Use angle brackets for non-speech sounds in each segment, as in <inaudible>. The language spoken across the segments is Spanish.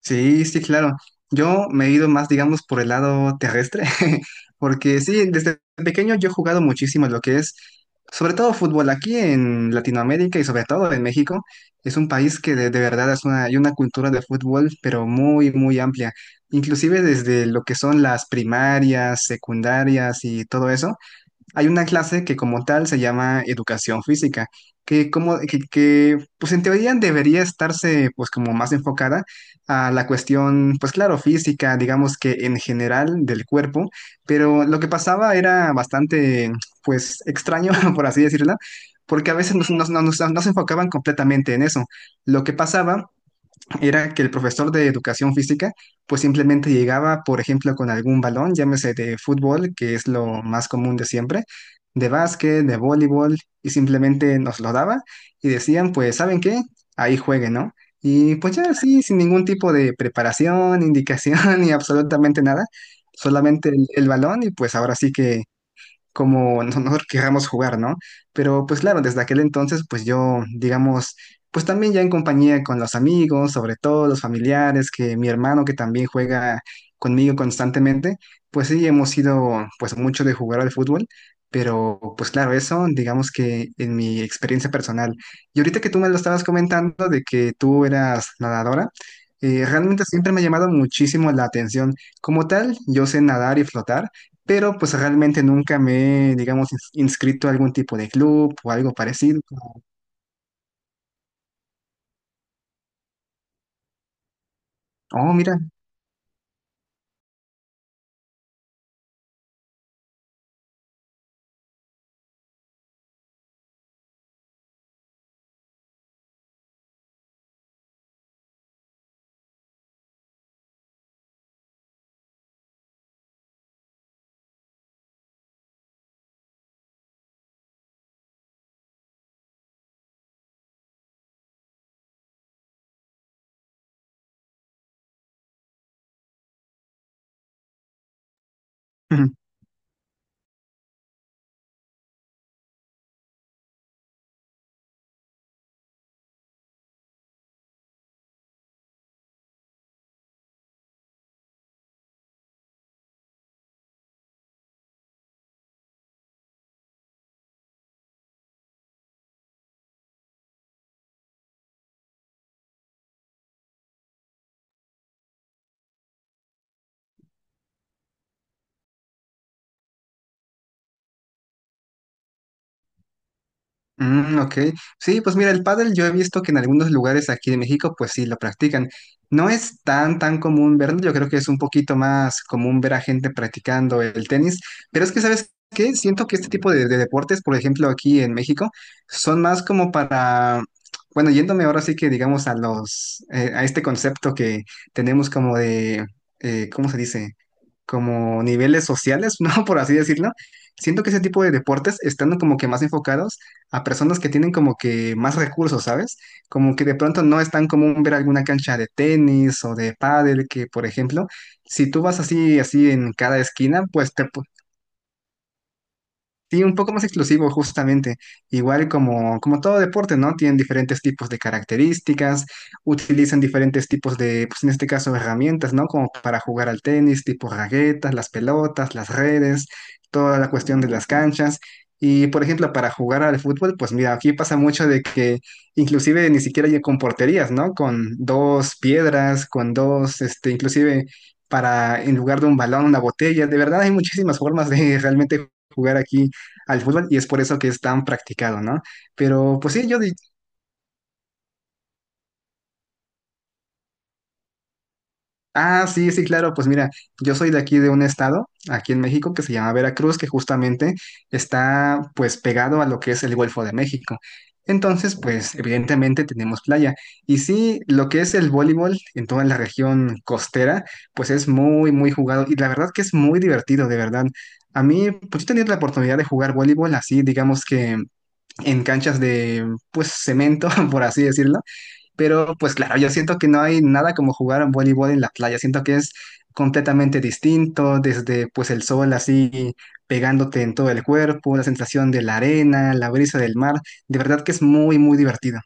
Sí, sí, claro. Yo me he ido más, digamos, por el lado terrestre, <laughs> porque sí, desde pequeño yo he jugado muchísimo lo que es, sobre todo fútbol aquí en Latinoamérica y sobre todo en México. Es un país que de verdad hay una cultura de fútbol, pero muy, muy amplia. Inclusive desde lo que son las primarias, secundarias y todo eso hay una clase que como tal se llama educación física, que como que, pues en teoría debería estarse pues como más enfocada a la cuestión, pues claro, física, digamos que en general del cuerpo, pero lo que pasaba era bastante pues extraño, <laughs> por así decirlo, porque a veces nos no se enfocaban completamente en eso. Lo que pasaba era que el profesor de educación física pues simplemente llegaba, por ejemplo, con algún balón, llámese de fútbol, que es lo más común de siempre, de básquet, de voleibol, y simplemente nos lo daba y decían, pues, ¿saben qué? Ahí jueguen, ¿no? Y pues ya así, sin ningún tipo de preparación, indicación <laughs> ni absolutamente nada, solamente el balón y pues ahora sí que como <laughs> no nosotros querramos jugar, ¿no? Pero pues claro, desde aquel entonces, pues yo, digamos, pues también ya en compañía con los amigos, sobre todo los familiares, que mi hermano que también juega conmigo constantemente, pues sí, hemos sido pues mucho de jugar al fútbol. Pero pues claro, eso digamos que en mi experiencia personal. Y ahorita que tú me lo estabas comentando de que tú eras nadadora, realmente siempre me ha llamado muchísimo la atención. Como tal, yo sé nadar y flotar, pero pues realmente nunca me, digamos, inscrito a algún tipo de club o algo parecido. Oh, mira. Ujú. Mm, ok. Sí, pues mira, el pádel yo he visto que en algunos lugares aquí de México pues sí lo practican. No es tan tan común verlo, yo creo que es un poquito más común ver a gente practicando el tenis, pero es que ¿sabes qué? Siento que este tipo de deportes, por ejemplo, aquí en México, son más como para, bueno, yéndome ahora sí que digamos a los, a este concepto que tenemos como de, ¿cómo se dice? Como niveles sociales, <laughs> ¿no? Por así decirlo. Siento que ese tipo de deportes están como que más enfocados a personas que tienen como que más recursos, ¿sabes? Como que de pronto no es tan común ver alguna cancha de tenis o de pádel que, por ejemplo, si tú vas así, así en cada esquina, pues te. Sí, un poco más exclusivo justamente. Igual como todo deporte, ¿no? Tienen diferentes tipos de características, utilizan diferentes tipos de, pues en este caso, herramientas, ¿no? Como para jugar al tenis, tipo raquetas, las pelotas, las redes, toda la cuestión de las canchas. Y, por ejemplo, para jugar al fútbol, pues mira, aquí pasa mucho de que inclusive ni siquiera hay con porterías, ¿no? Con dos piedras, con dos, inclusive para, en lugar de un balón, una botella. De verdad hay muchísimas formas de <laughs> realmente jugar aquí al fútbol y es por eso que es tan practicado, ¿no? Pero pues sí, ah, sí, sí, claro, pues mira, yo soy de aquí de un estado, aquí en México, que se llama Veracruz, que justamente está pues pegado a lo que es el Golfo de México. Entonces, pues evidentemente tenemos playa. Y sí, lo que es el voleibol en toda la región costera, pues es muy, muy jugado y la verdad que es muy divertido, de verdad. A mí, pues yo tenía la oportunidad de jugar voleibol así, digamos que en canchas de, pues, cemento, <laughs> por así decirlo. Pero pues claro, yo siento que no hay nada como jugar a voleibol en la playa. Siento que es completamente distinto, desde pues el sol así pegándote en todo el cuerpo, la sensación de la arena, la brisa del mar. De verdad que es muy, muy divertido.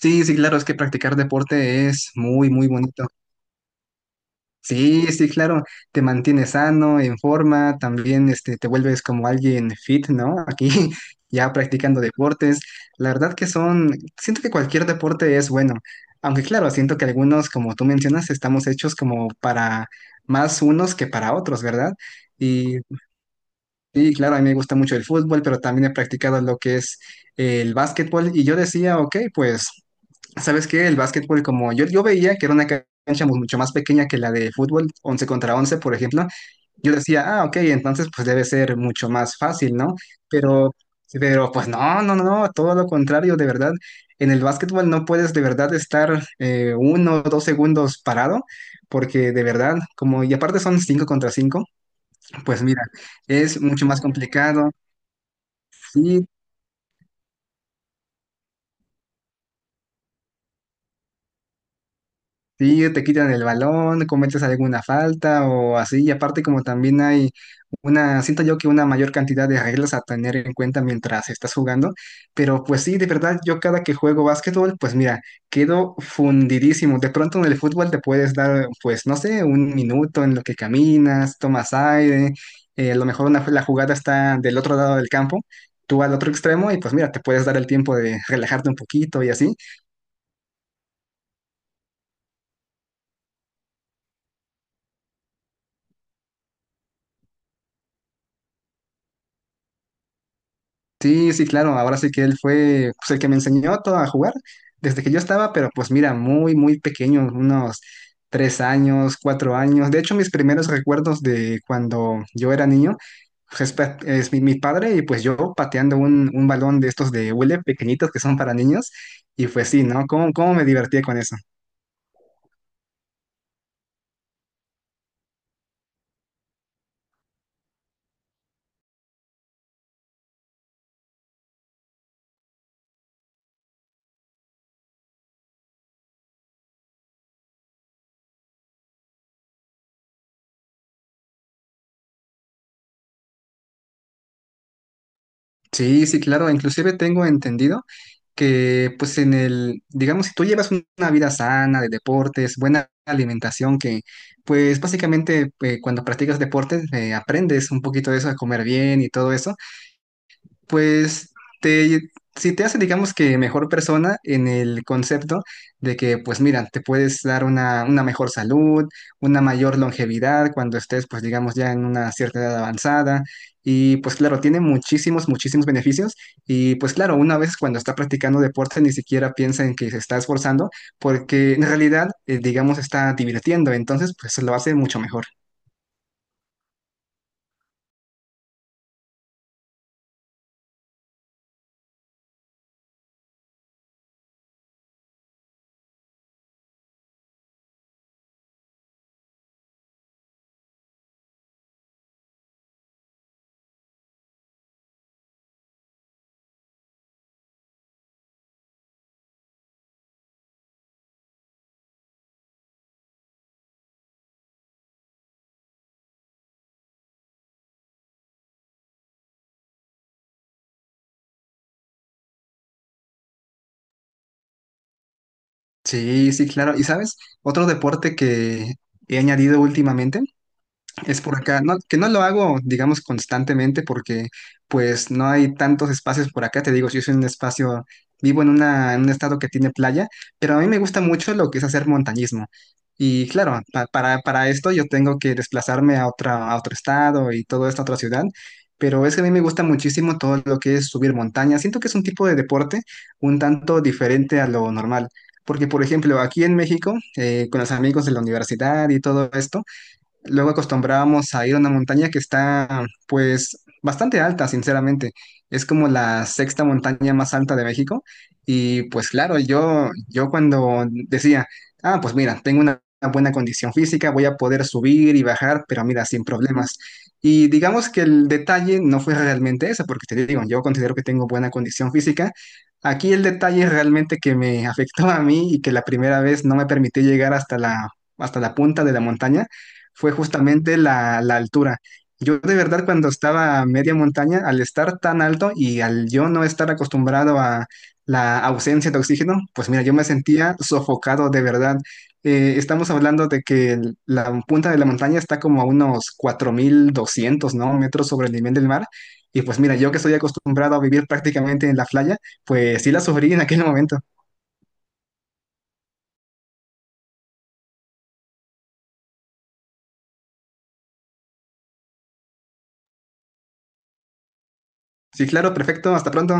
Sí, sí, claro, es que practicar deporte es muy, muy bonito. Sí, sí, claro, te mantienes sano, en forma, también te vuelves como alguien fit, ¿no? Aquí <laughs> ya practicando deportes. La verdad que son, siento que cualquier deporte es bueno, aunque claro, siento que algunos, como tú mencionas, estamos hechos como para más unos que para otros, ¿verdad? Y, claro, a mí me gusta mucho el fútbol, pero también he practicado lo que es el básquetbol y yo decía, ok, pues. ¿Sabes qué? El básquetbol, como yo veía que era una cancha mucho más pequeña que la de fútbol, 11 contra 11, por ejemplo, yo decía, ah, ok, entonces pues debe ser mucho más fácil, ¿no? Pero, pero pues no, no, no, no, todo lo contrario, de verdad. En el básquetbol no puedes de verdad estar 1 o 2 segundos parado, porque de verdad, como, y aparte son 5 contra 5, pues mira, es mucho más complicado. Sí, sí, te quitan el balón, cometes alguna falta o así. Y aparte como también hay una, siento yo que una mayor cantidad de reglas a tener en cuenta mientras estás jugando. Pero pues sí, de verdad, yo cada que juego básquetbol, pues mira, quedo fundidísimo. De pronto en el fútbol te puedes dar, pues no sé, un minuto en lo que caminas, tomas aire. A lo mejor una, la jugada está del otro lado del campo, tú al otro extremo y pues mira, te puedes dar el tiempo de relajarte un poquito y así. Sí, sí, claro. Ahora sí que él fue pues, el que me enseñó todo a jugar desde que yo estaba, pero pues mira, muy, muy pequeño, unos 3 años, 4 años. De hecho, mis primeros recuerdos de cuando yo era niño, pues, es mi padre y pues yo pateando un balón de estos de hule pequeñitos que son para niños. Y pues sí, ¿no? ¿Cómo me divertía con eso? Sí, sí, claro. Inclusive tengo entendido que, pues, en el, digamos, si tú llevas una vida sana de deportes, buena alimentación, que, pues, básicamente, cuando practicas deportes, aprendes un poquito de eso, a comer bien y todo eso. Pues te, si te hace, digamos que mejor persona en el concepto de que, pues mira, te puedes dar una mejor salud, una mayor longevidad cuando estés, pues digamos, ya en una cierta edad avanzada. Y pues claro, tiene muchísimos, muchísimos beneficios. Y pues claro, una vez cuando está practicando deporte ni siquiera piensa en que se está esforzando porque en realidad, digamos, está divirtiendo. Entonces, pues lo hace mucho mejor. Sí, sí, claro. ¿Y sabes? Otro deporte que he añadido últimamente. Es por acá, no, que no lo hago, digamos, constantemente porque pues no hay tantos espacios por acá, te digo, yo soy un espacio, vivo en un estado que tiene playa, pero a mí me gusta mucho lo que es hacer montañismo. Y claro, para esto yo tengo que desplazarme a otro estado y todo esto a otra ciudad, pero es que a mí me gusta muchísimo todo lo que es subir montaña. Siento que es un tipo de deporte un tanto diferente a lo normal, porque por ejemplo, aquí en México, con los amigos de la universidad y todo esto, luego acostumbrábamos a ir a una montaña que está, pues, bastante alta, sinceramente. Es como la sexta montaña más alta de México. Y pues claro, yo cuando decía, ah, pues mira, tengo una buena condición física, voy a poder subir y bajar, pero mira, sin problemas. Y digamos que el detalle no fue realmente eso, porque te digo, yo considero que tengo buena condición física. Aquí el detalle realmente que me <laughs> afectó a mí y que la primera vez no me permitió llegar hasta la punta de la montaña fue justamente la altura. Yo de verdad cuando estaba a media montaña, al estar tan alto y al yo no estar acostumbrado a la ausencia de oxígeno, pues mira, yo me sentía sofocado de verdad. Estamos hablando de que la punta de la montaña está como a unos 4.200 ¿no? metros sobre el nivel del mar. Y pues mira, yo que estoy acostumbrado a vivir prácticamente en la playa, pues sí la sufrí en aquel momento. Sí, claro, perfecto, hasta pronto.